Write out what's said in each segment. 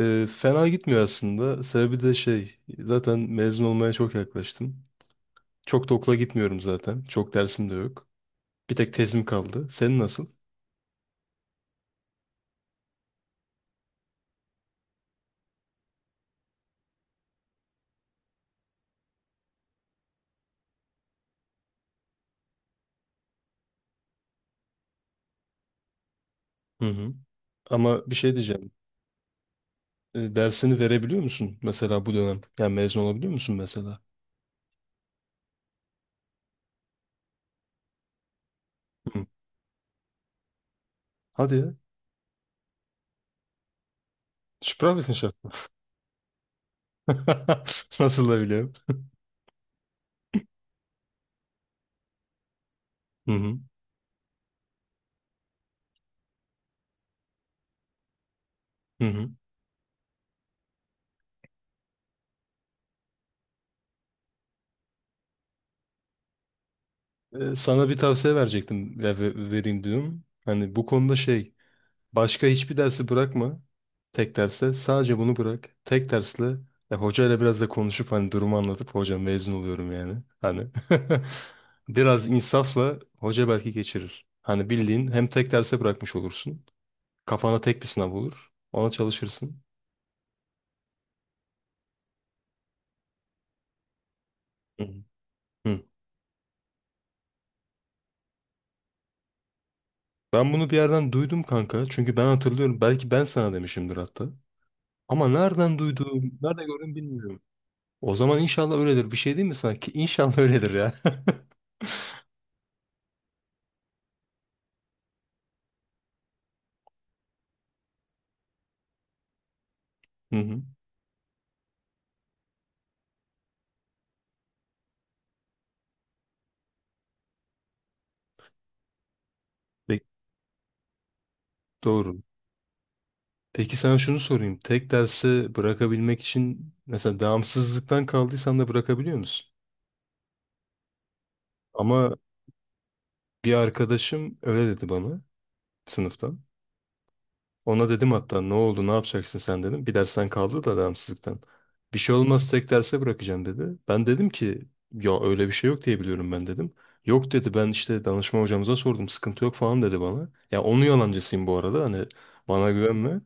Fena gitmiyor aslında. Sebebi de şey, zaten mezun olmaya çok yaklaştım. Çok da okula gitmiyorum zaten. Çok dersim de yok. Bir tek tezim kaldı. Senin nasıl? Hı hı. Ama bir şey diyeceğim. Dersini verebiliyor musun mesela bu dönem? Yani mezun olabiliyor musun mesela? Hı. Hadi ya. Sprachwissenschaft. Nasıl da biliyorum. Hı hı. Hı hı. Sana bir tavsiye verecektim. Vereyim diyorum. Hani bu konuda şey, başka hiçbir dersi bırakma. Tek derse sadece bunu bırak. Tek dersle ya hocayla biraz da konuşup hani durumu anlatıp hocam mezun oluyorum yani. Hani biraz insafla hoca belki geçirir. Hani bildiğin hem tek derse bırakmış olursun. Kafana tek bir sınav olur. Ona çalışırsın. Hı hı. Hı. Ben bunu bir yerden duydum kanka. Çünkü ben hatırlıyorum. Belki ben sana demişimdir hatta. Ama nereden duyduğum, nerede gördüm bilmiyorum. O zaman inşallah öyledir. Bir şey değil mi sanki? İnşallah öyledir ya. Hı hı. Doğru. Peki sana şunu sorayım. Tek dersi bırakabilmek için mesela devamsızlıktan kaldıysan da bırakabiliyor musun? Ama bir arkadaşım öyle dedi bana sınıftan. Ona dedim hatta ne oldu ne yapacaksın sen dedim. Bir dersten kaldı da devamsızlıktan. Bir şey olmaz tek derse bırakacağım dedi. Ben dedim ki ya öyle bir şey yok diye biliyorum ben dedim. Yok dedi ben işte danışma hocamıza sordum sıkıntı yok falan dedi bana. Ya onun yalancısıyım bu arada, hani bana güvenme.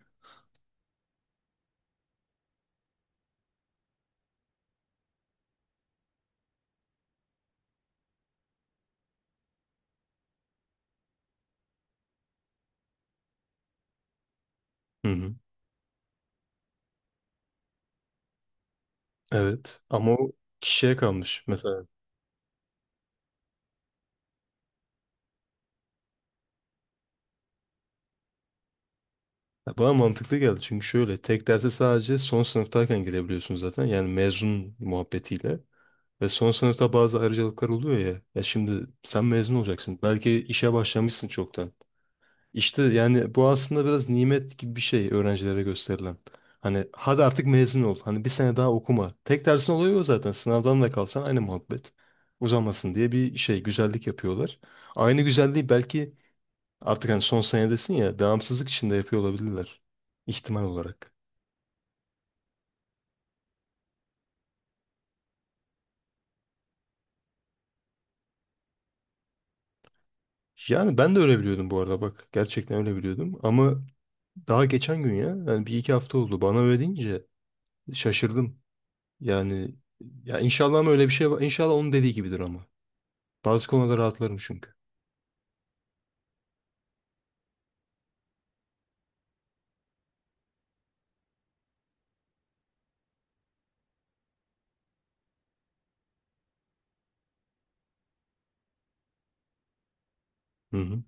Hı hı. Evet ama o kişiye kalmış. Mesela ya bana mantıklı geldi çünkü şöyle, tek derse sadece son sınıftayken girebiliyorsun zaten, yani mezun muhabbetiyle ve son sınıfta bazı ayrıcalıklar oluyor ya, ya şimdi sen mezun olacaksın belki işe başlamışsın çoktan, işte yani bu aslında biraz nimet gibi bir şey öğrencilere gösterilen. Hani hadi artık mezun ol, hani bir sene daha okuma, tek dersin oluyor zaten, sınavdan da kalsan aynı muhabbet uzamasın diye bir şey, güzellik yapıyorlar. Aynı güzelliği belki artık hani son senedesin ya devamsızlık içinde yapıyor olabilirler. İhtimal olarak. Yani ben de öyle biliyordum bu arada bak. Gerçekten öyle biliyordum. Ama daha geçen gün, ya yani bir iki hafta oldu, bana öyle deyince şaşırdım. Yani ya inşallah, ama öyle bir şey var. İnşallah onun dediği gibidir ama. Bazı konuda rahatlarım çünkü. Hı hı.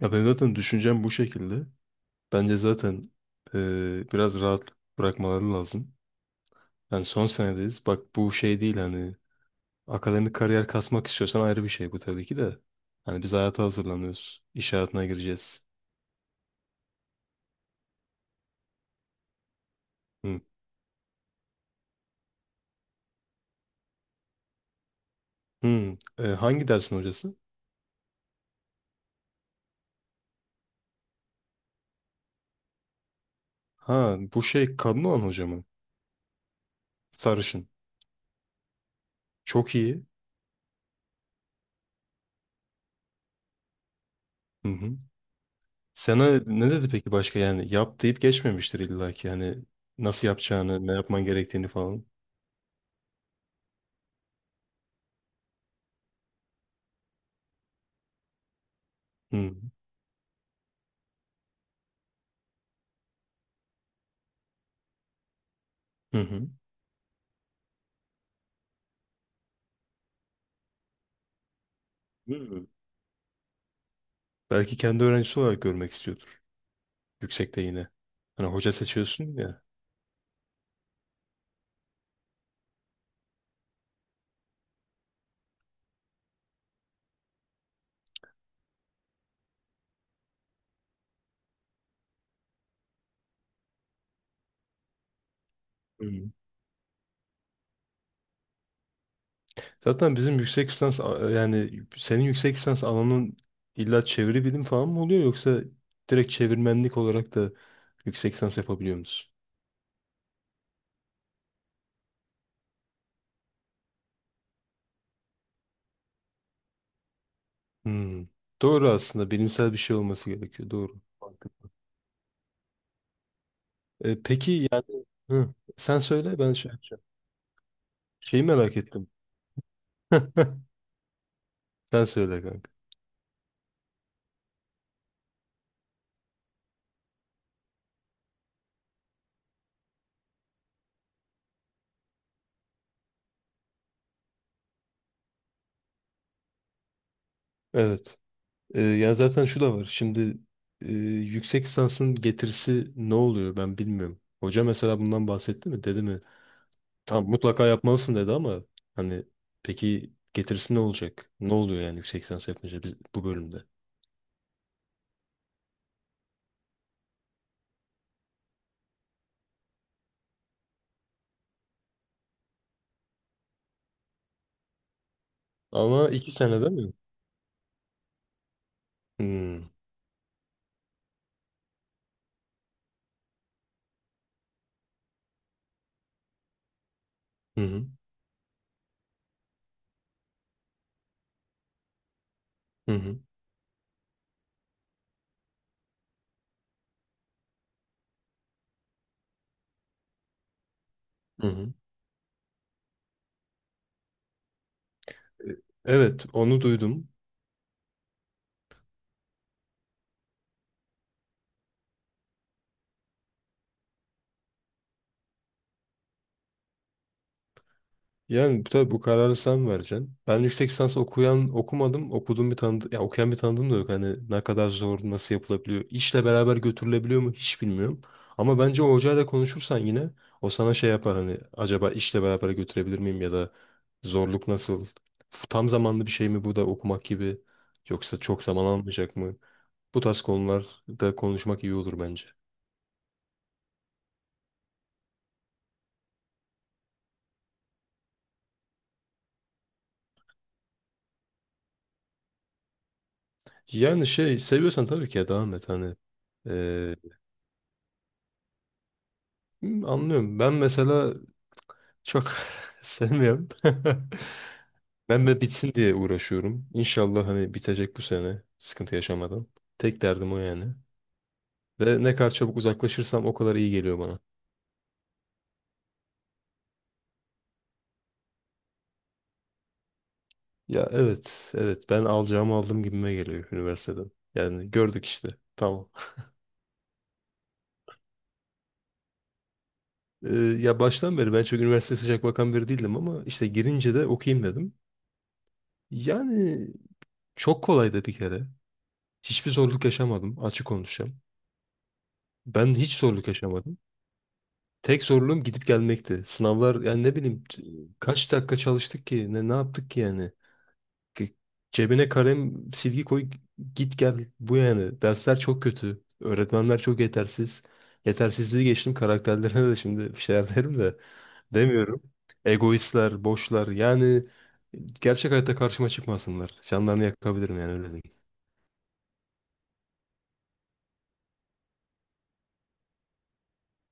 Ya ben zaten düşüncem bu şekilde. Bence zaten biraz rahat bırakmaları lazım. Yani son senedeyiz. Bak bu şey değil hani, akademik kariyer kasmak istiyorsan ayrı bir şey bu tabii ki de. Hani biz hayata hazırlanıyoruz. İş hayatına gireceğiz. Hı. Hı. E, hangi dersin hocası? Ha bu şey kadın olan hoca mı? Sarışın. Çok iyi. Hı hı. Sana ne dedi peki başka, yani yap deyip geçmemiştir illa ki hani nasıl yapacağını, ne yapman gerektiğini falan. Hı. Hı hı. Hı. Belki kendi öğrencisi olarak görmek istiyordur yüksekte yine. Hani hoca seçiyorsun ya. Hı. Zaten bizim yüksek lisans yani senin yüksek lisans alanın illa çeviri bilim falan mı oluyor, yoksa direkt çevirmenlik olarak da yüksek lisans yapabiliyor musun? Hmm. Doğru aslında, bilimsel bir şey olması gerekiyor. Doğru. Mantıklı. E, peki yani hı, sen söyle ben şey yapacağım. Şeyi merak ettim. Sen söyle kanka. Evet. Yani zaten şu da var. Şimdi e, yüksek lisansın getirisi ne oluyor ben bilmiyorum. Hoca mesela bundan bahsetti mi? Dedi mi? Tamam mutlaka yapmalısın dedi ama hani peki getirisi ne olacak? Ne oluyor yani yüksek lisans yapınca biz, bu bölümde? Ama iki sene değil mi? Hmm. Hı hı. Hı hı. Hı hı. Evet, onu duydum. Yani tabii bu kararı sen vereceksin. Ben yüksek lisans okuyan okumadım. Okuduğum bir tanıdığım, ya okuyan bir tanıdığım da yok. Hani ne kadar zor, nasıl yapılabiliyor? İşle beraber götürülebiliyor mu hiç bilmiyorum. Ama bence o hocayla konuşursan yine o sana şey yapar, hani acaba işle beraber götürebilir miyim, ya da zorluk nasıl? Tam zamanlı bir şey mi bu da, okumak gibi, yoksa çok zaman almayacak mı? Bu tarz konularda konuşmak iyi olur bence. Yani şey seviyorsan tabii ki ya devam et hani. Ee, Anlıyorum. Ben mesela çok sevmiyorum. Ben de bitsin diye uğraşıyorum. İnşallah hani bitecek bu sene sıkıntı yaşamadan. Tek derdim o yani. Ve ne kadar çabuk uzaklaşırsam o kadar iyi geliyor bana. Ya evet, evet, ben alacağımı aldım gibime geliyor üniversiteden. Yani gördük işte. Tamam. Ee, Ya baştan beri ben çok üniversiteye sıcak bakan biri değildim, ama işte girince de okuyayım dedim. Yani çok kolaydı bir kere. Hiçbir zorluk yaşamadım, açık konuşacağım. Ben hiç zorluk yaşamadım. Tek zorluğum gidip gelmekti. Sınavlar yani ne bileyim kaç dakika çalıştık ki, ne yaptık ki yani. Ki- Cebine kalem silgi koy git gel bu yani. Dersler çok kötü. Öğretmenler çok yetersiz. Yetersizliği geçtim karakterlerine de, şimdi bir şeyler derim de demiyorum. Egoistler, boşlar yani, gerçek hayatta karşıma çıkmasınlar. Canlarını yakabilirim yani, öyle diyeyim.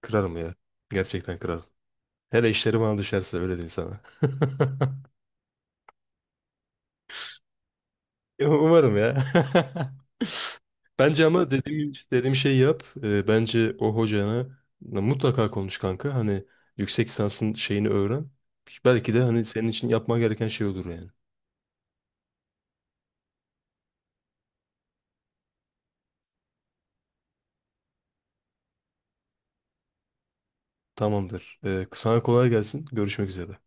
Kırarım ya. Gerçekten kırarım. Hele işleri bana düşerse öyle diyeyim sana. Umarım ya. Bence ama dediğim, dediğim şeyi yap. Bence o hocana mutlaka konuş kanka. Hani yüksek lisansın şeyini öğren. Belki de hani senin için yapman gereken şey olur yani. Tamamdır. Sana kolay gelsin. Görüşmek üzere.